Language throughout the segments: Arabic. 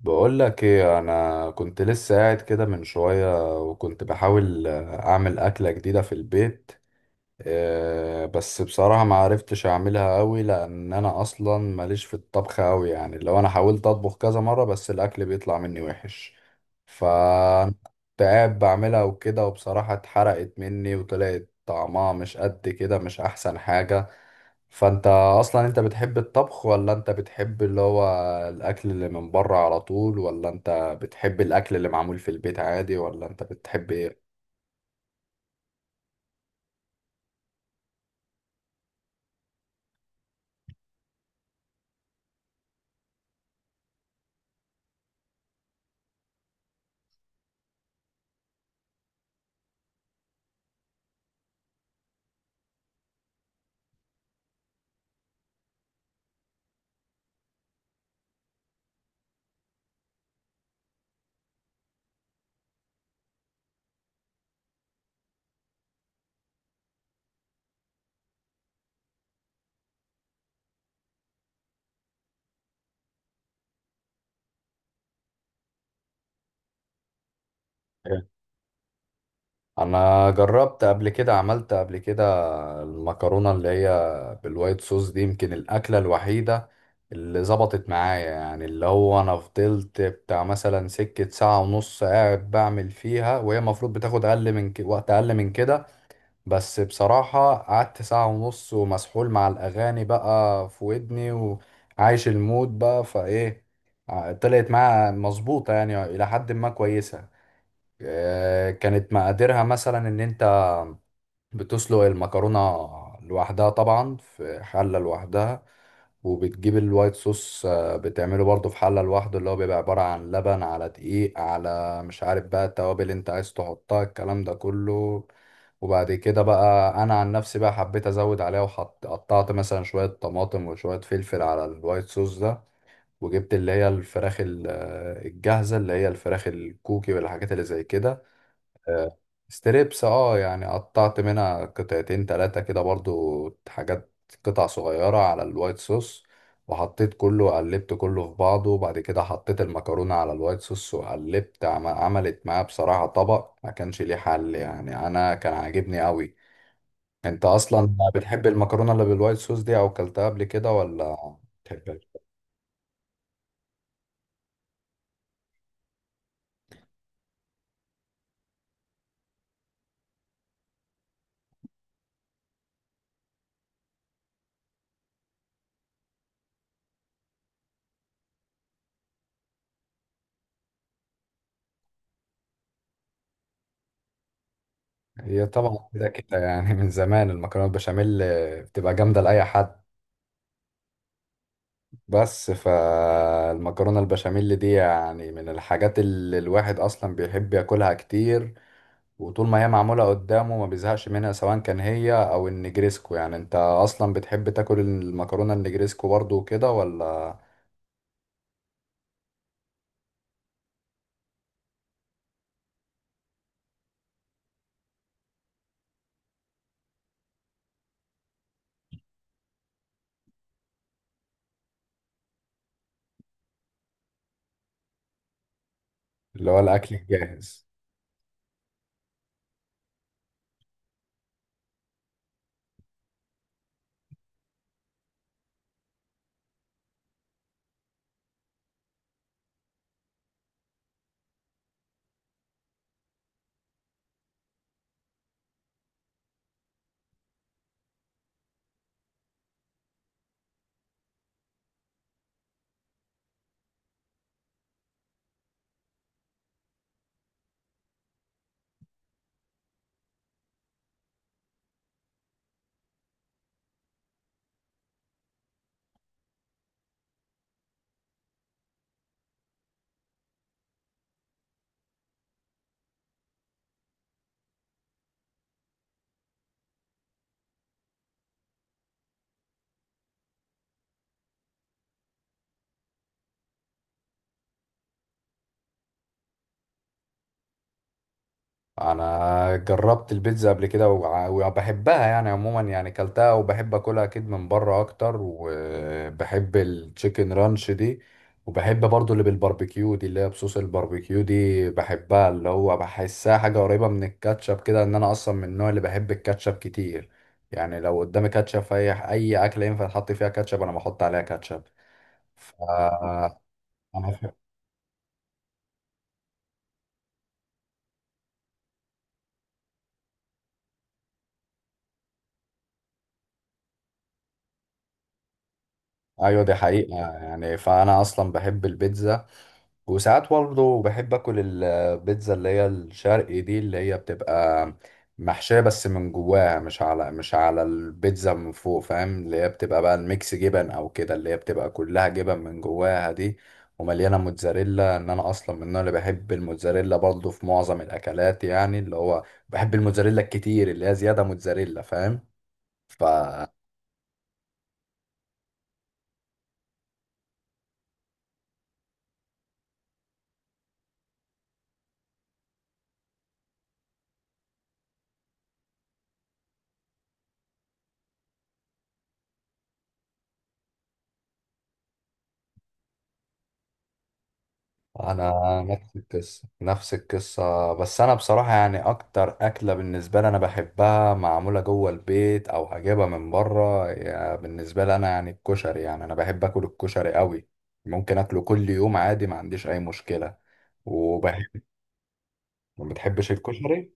بقول لك ايه، انا كنت لسه قاعد كده من شوية وكنت بحاول اعمل اكلة جديدة في البيت. آه، بس بصراحة ما عرفتش اعملها قوي، لان انا اصلا ماليش في الطبخ قوي، يعني لو انا حاولت اطبخ كذا مرة بس الاكل بيطلع مني وحش. فكنت قاعد بعملها وكده، وبصراحة اتحرقت مني وطلعت طعمها مش قد كده، مش احسن حاجة. فانت اصلا، انت بتحب الطبخ، ولا انت بتحب اللي هو الاكل اللي من بره على طول، ولا انت بتحب الاكل اللي معمول في البيت عادي، ولا انت بتحب ايه؟ انا جربت قبل كده، عملت قبل كده المكرونه اللي هي بالوايت صوص دي، يمكن الاكله الوحيده اللي ظبطت معايا. يعني اللي هو انا فضلت بتاع مثلا سكه ساعه ونص قاعد بعمل فيها، وهي المفروض بتاخد اقل من وقت اقل من كده. بس بصراحه قعدت ساعه ونص ومسحول مع الاغاني بقى في ودني، وعايش المود بقى فايه. طلعت معايا مظبوطه، يعني الى حد ما كويسه. آه، كانت مقاديرها مثلا ان انت بتسلق المكرونة لوحدها، طبعا في حلة لوحدها، وبتجيب الوايت صوص، بتعمله برضو في حلة لوحده، اللي هو بيبقى عبارة عن لبن على دقيق على مش عارف بقى التوابل انت عايز تحطها، الكلام ده كله. وبعد كده بقى انا عن نفسي بقى حبيت ازود عليها، وحط، قطعت مثلا شوية طماطم وشوية فلفل على الوايت صوص ده. وجبت اللي هي الفراخ الجاهزة، اللي هي الفراخ الكوكي والحاجات اللي زي كده. آه، ستريبس، اه يعني قطعت منها قطعتين تلاتة كده برضو، حاجات، قطع صغيرة، على الوايت صوص. وحطيت كله، قلبت كله في بعضه، وبعد كده حطيت المكرونة على الوايت صوص وقلبت، عملت معاه بصراحة طبق ما كانش ليه حل، يعني انا كان عاجبني قوي. انت اصلا بتحب المكرونة اللي بالوايت صوص دي او كلتها قبل كده، ولا بتحبهاش؟ هي طبعا كده كده يعني، من زمان المكرونة البشاميل بتبقى جامدة لأي حد. بس فالمكرونة البشاميل دي يعني من الحاجات اللي الواحد أصلا بيحب ياكلها كتير، وطول ما هي معمولة قدامه ما بيزهقش منها، سواء كان هي أو النجريسكو. يعني أنت أصلا بتحب تاكل المكرونة النجريسكو برضو كده، ولا اللي هو الأكل الجاهز؟ انا جربت البيتزا قبل كده، وبحبها يعني عموما، يعني كلتها وبحب اكلها اكيد من بره اكتر. وبحب التشيكن رانش دي، وبحب برضو اللي بالباربيكيو دي، اللي هي بصوص الباربيكيو دي بحبها، اللي هو بحسها حاجة قريبة من الكاتشب كده، ان انا اصلا من النوع اللي بحب الكاتشب كتير. يعني لو قدامي كاتشب في اي اكلة ينفع تحط فيها كاتشب، انا بحط عليها كاتشب. ف... ايوه، دي حقيقة يعني، فانا اصلا بحب البيتزا. وساعات برضه بحب اكل البيتزا اللي هي الشرقي دي، اللي هي بتبقى محشية بس من جواها، مش على البيتزا من فوق، فاهم؟ اللي هي بتبقى بقى الميكس جبن او كده، اللي هي بتبقى كلها جبن من جواها دي. ومليانة موتزاريلا، ان انا اصلا من النوع اللي بحب الموتزاريلا برضه في معظم الاكلات، يعني اللي هو بحب الموتزاريلا الكتير، اللي هي زيادة موتزاريلا، فاهم؟ ف انا نفس القصه، نفس القصه، بس انا بصراحه يعني اكتر اكله بالنسبه لي انا بحبها معموله جوه البيت او هجيبها من بره. يعني بالنسبه لي انا يعني الكشري، يعني انا بحب اكل الكشري قوي. ممكن اكله كل يوم عادي، ما عنديش اي مشكله. وبحب. ما بتحبش الكشري؟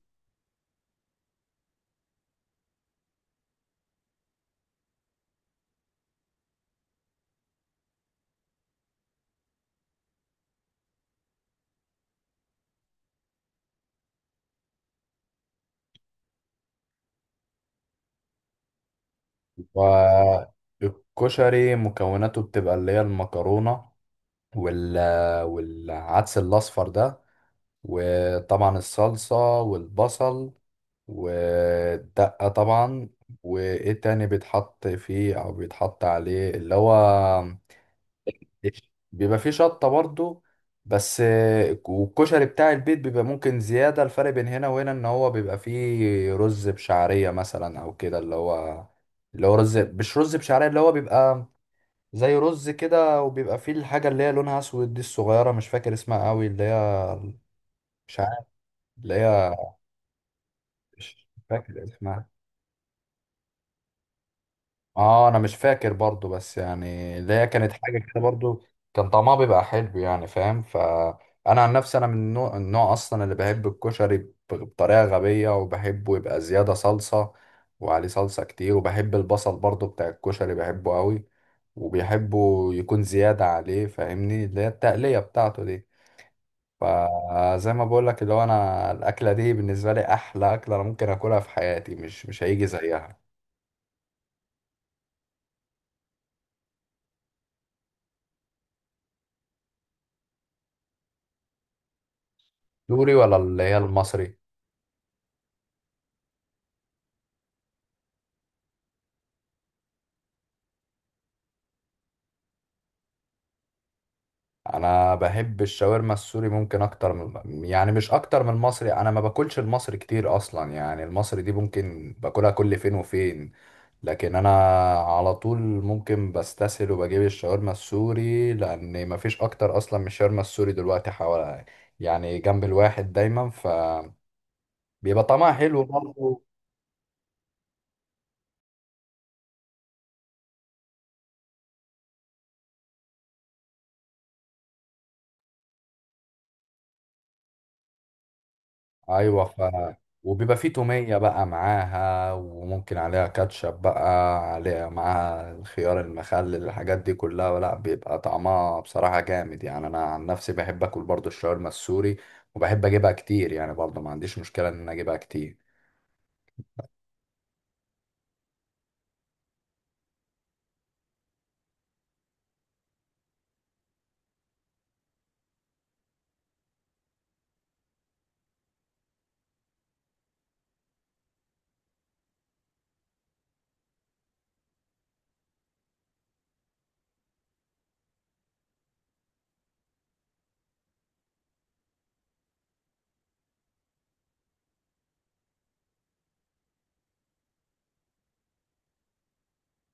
والكشري مكوناته بتبقى اللي هي المكرونه، وال... والعدس الاصفر ده، وطبعا الصلصه والبصل، ودقة طبعا. وايه تاني بيتحط فيه او بيتحط عليه، اللي هو بيبقى فيه شطة برضو، بس. والكشري بتاع البيت بيبقى ممكن زيادة، الفرق بين هنا وهنا ان هو بيبقى فيه رز بشعرية مثلا او كده، اللي هو رز، مش رز بشعرية، اللي هو بيبقى زي رز كده. وبيبقى فيه الحاجة اللي هي لونها اسود دي الصغيرة، مش فاكر اسمها قوي، اللي هي مش عارف، اللي هي مش فاكر اسمها. اه، انا مش فاكر برضو، بس يعني اللي هي كانت حاجه كده برضو، كان طعمها بيبقى حلو، يعني فاهم. فانا عن نفسي انا من النوع اصلا اللي بحب الكشري، بطريقه غبيه، وبحبه يبقى زياده صلصه، وعليه صلصه كتير. وبحب البصل برضو بتاع الكشري، بحبه قوي، وبيحبه يكون زياده عليه، فاهمني، اللي هي التقليه بتاعته دي. فزي ما بقول لك، اللي هو انا الاكله دي بالنسبه لي احلى اكله انا ممكن اكلها في حياتي، مش هيجي زيها. دوري ولا اللي هي المصري؟ انا بحب الشاورما السوري ممكن اكتر من، يعني مش اكتر من المصري، انا ما باكلش المصري كتير اصلا يعني، المصري دي ممكن باكلها كل فين وفين. لكن انا على طول ممكن بستسهل وبجيب الشاورما السوري، لان ما فيش اكتر اصلا من الشاورما السوري دلوقتي، حوالي يعني جنب الواحد دايما، فبيبقى طعمها حلو برضه. ايوه. وبيبقى فيه تومية بقى معاها، وممكن عليها كاتشب بقى، عليها معاها الخيار المخلل، الحاجات دي كلها، لا، بيبقى طعمها بصراحة جامد، يعني انا عن نفسي بحب اكل برضو الشاورما السوري. وبحب اجيبها كتير يعني برضو، ما عنديش مشكلة ان أنا اجيبها كتير.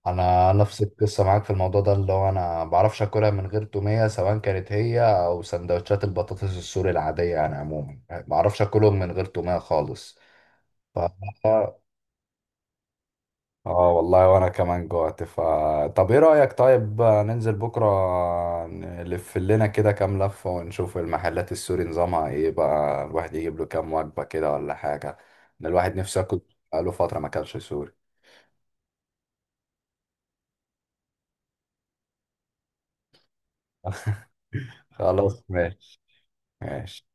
انا نفس القصة معاك في الموضوع ده، اللي هو انا ما بعرفش اكلها من غير تومية، سواء كانت هي او سندوتشات البطاطس السوري العادية، يعني عموما ما بعرفش اكلهم من غير تومية خالص. ف... اه والله، وانا كمان جوعت، طب ايه رأيك؟ طيب ننزل بكرة نلف لنا كده كام لفة، ونشوف المحلات السوري نظامها ايه بقى، الواحد يجيب له كام وجبة كده ولا حاجة. ان الواحد نفسه ياكل، بقاله فترة ما اكلش سوري. خلاص، ماشي. ماشي.